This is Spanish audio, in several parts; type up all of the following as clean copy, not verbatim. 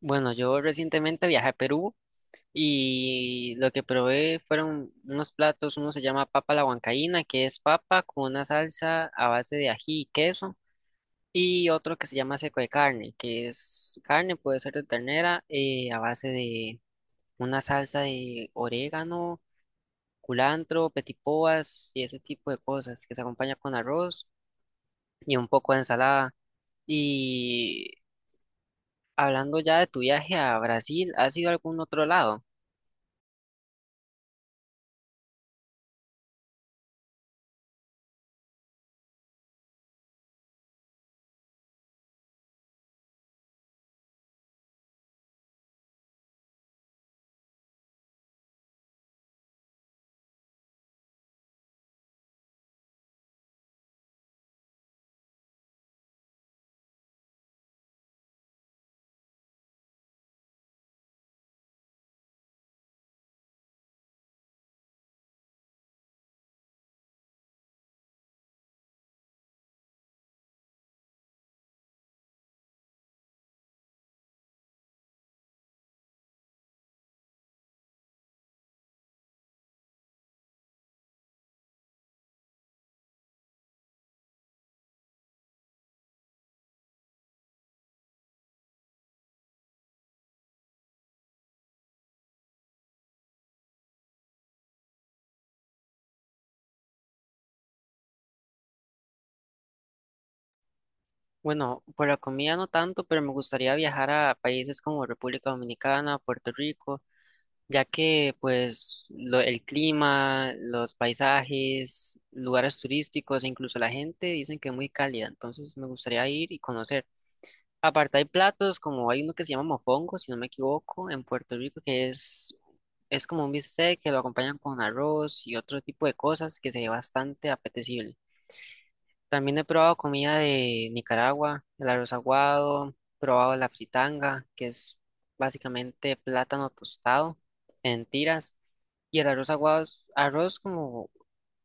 Bueno, yo recientemente viajé a Perú y lo que probé fueron unos platos, uno se llama papa a la huancaína, que es papa con una salsa a base de ají y queso, y otro que se llama seco de carne, que es carne, puede ser de ternera, a base de una salsa de orégano, culantro, petipoas y ese tipo de cosas, que se acompaña con arroz y un poco de ensalada. Y hablando ya de tu viaje a Brasil, ¿has ido a algún otro lado? Bueno, por la comida no tanto, pero me gustaría viajar a países como República Dominicana, Puerto Rico, ya que pues el clima, los paisajes, lugares turísticos e incluso la gente dicen que es muy cálida, entonces me gustaría ir y conocer. Aparte hay platos como hay uno que se llama mofongo, si no me equivoco, en Puerto Rico, que es como un bistec que lo acompañan con arroz y otro tipo de cosas que se ve bastante apetecible. También he probado comida de Nicaragua, el arroz aguado, probado la fritanga, que es básicamente plátano tostado en tiras, y el arroz aguado es arroz como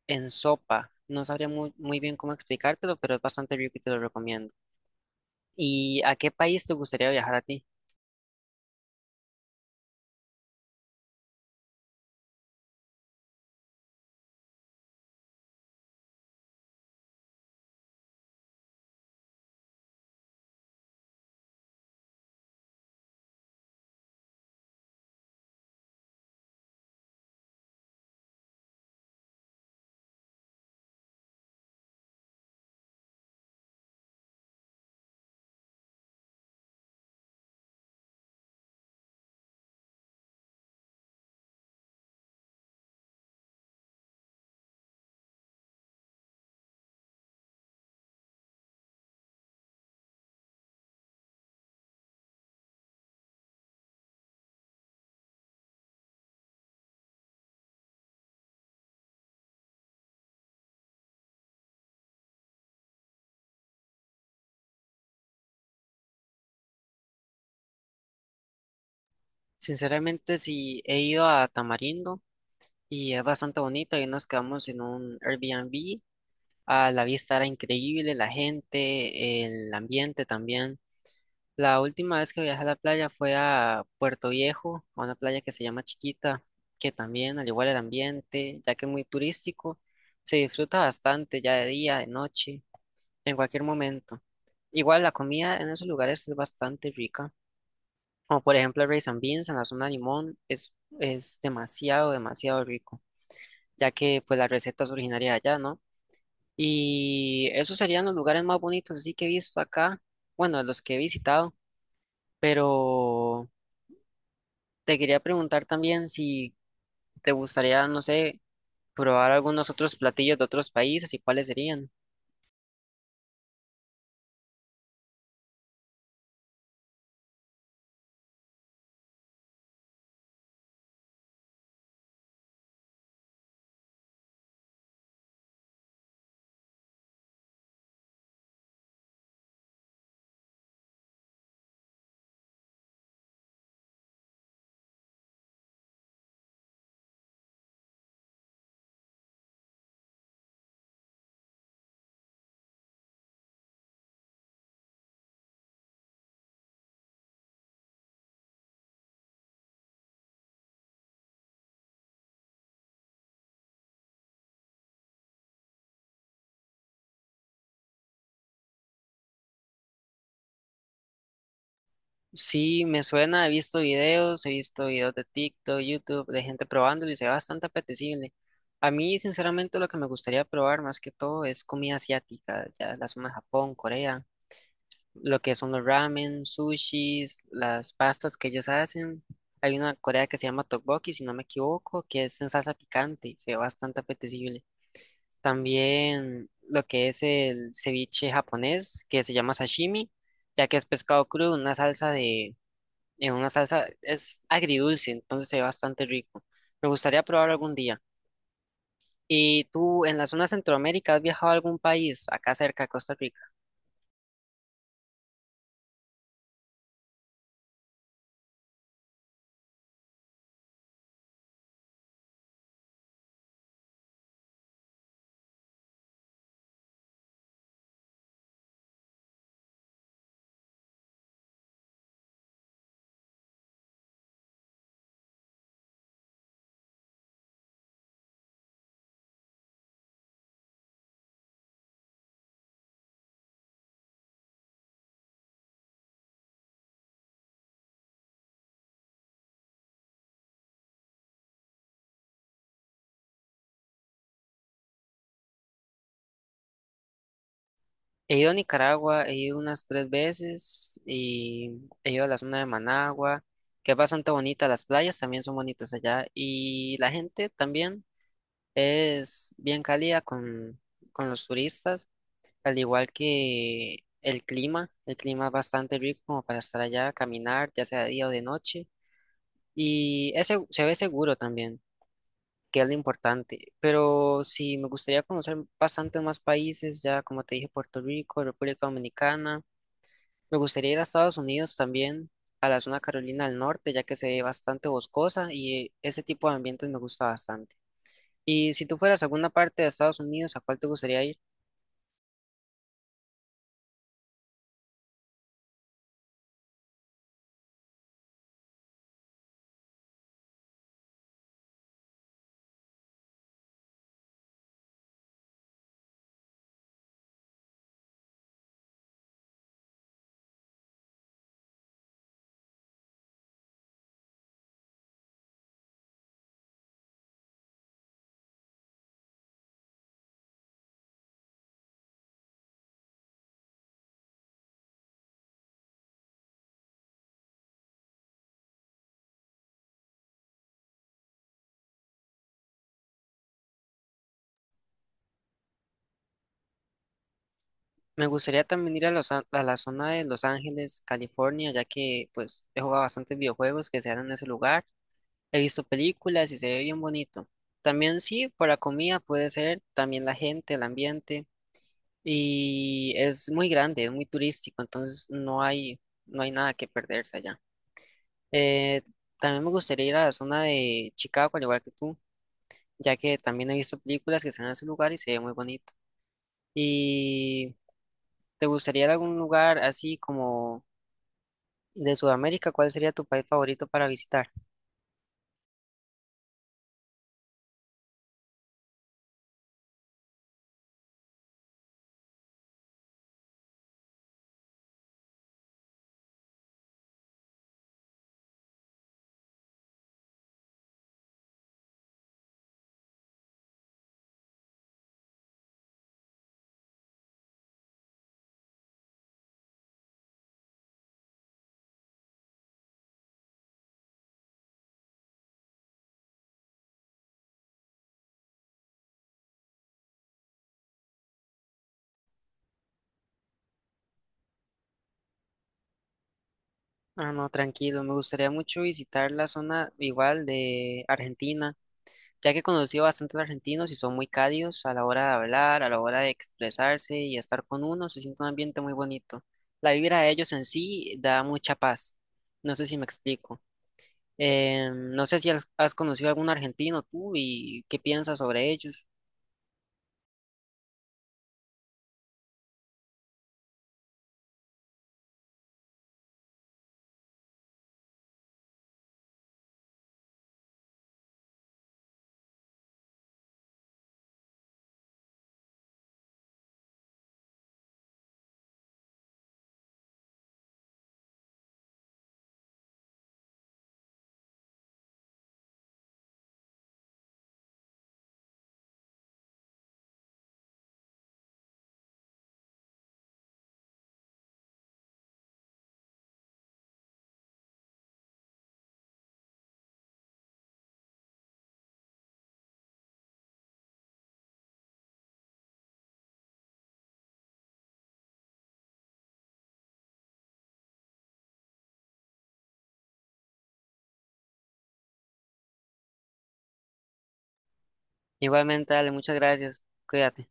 en sopa. No sabría muy bien cómo explicártelo, pero es bastante rico y te lo recomiendo. ¿Y a qué país te gustaría viajar a ti? Sinceramente, sí, he ido a Tamarindo y es bastante bonito. Ahí nos quedamos en un Airbnb. A la vista era increíble, la gente, el ambiente también. La última vez que viajé a la playa fue a Puerto Viejo, a una playa que se llama Chiquita, que también, al igual el ambiente, ya que es muy turístico, se disfruta bastante ya de día, de noche, en cualquier momento. Igual la comida en esos lugares es bastante rica, como por ejemplo el rice and beans en la zona de Limón, es demasiado rico, ya que pues la receta es originaria de allá, ¿no? Y esos serían los lugares más bonitos así que he visto acá, bueno, los que he visitado, pero... Te quería preguntar también si te gustaría, no sé, probar algunos otros platillos de otros países y cuáles serían. Sí, me suena, he visto videos de TikTok, YouTube, de gente probándolo y se ve bastante apetecible. A mí, sinceramente, lo que me gustaría probar más que todo es comida asiática, ya la zona de Japón, Corea, lo que son los ramen, sushis, las pastas que ellos hacen. Hay una Corea que se llama tteokbokki, si no me equivoco, que es en salsa picante, se ve bastante apetecible. También lo que es el ceviche japonés, que se llama sashimi, ya que es pescado crudo, en una salsa, es agridulce, entonces se ve bastante rico. Me gustaría probar algún día. ¿Y tú en la zona de Centroamérica has viajado a algún país, acá cerca de Costa Rica? He ido a Nicaragua, he ido unas 3 veces y he ido a la zona de Managua, que es bastante bonita, las playas también son bonitas allá y la gente también. Es bien cálida con los turistas, al igual que el clima. El clima es bastante rico como para estar allá, caminar, ya sea de día o de noche. Y ese se ve seguro también, que es lo importante. Pero sí, me gustaría conocer bastantes más países, ya como te dije, Puerto Rico, República Dominicana. Me gustaría ir a Estados Unidos también, a la zona Carolina del Norte, ya que se ve bastante boscosa y ese tipo de ambientes me gusta bastante. Y si tú fueras a alguna parte de Estados Unidos, ¿a cuál te gustaría ir? Me gustaría también a la zona de Los Ángeles, California, ya que pues he jugado bastantes videojuegos que se dan en ese lugar, he visto películas y se ve bien bonito. También sí, por la comida puede ser, también la gente, el ambiente, y es muy grande, es muy turístico, entonces no hay nada que perderse allá. Eh, También me gustaría ir a la zona de Chicago, al igual que tú, ya que también he visto películas que se dan en ese lugar y se ve muy bonito. ¿Y te gustaría ir a algún lugar así como de Sudamérica? ¿Cuál sería tu país favorito para visitar? Ah, no, tranquilo. Me gustaría mucho visitar la zona igual de Argentina, ya que he conocido bastantes argentinos y son muy cálidos a la hora de hablar, a la hora de expresarse y estar con uno. Se siente un ambiente muy bonito. La vibra de ellos en sí da mucha paz. No sé si me explico. No sé si has conocido algún argentino tú y qué piensas sobre ellos. Igualmente, dale, muchas gracias. Cuídate.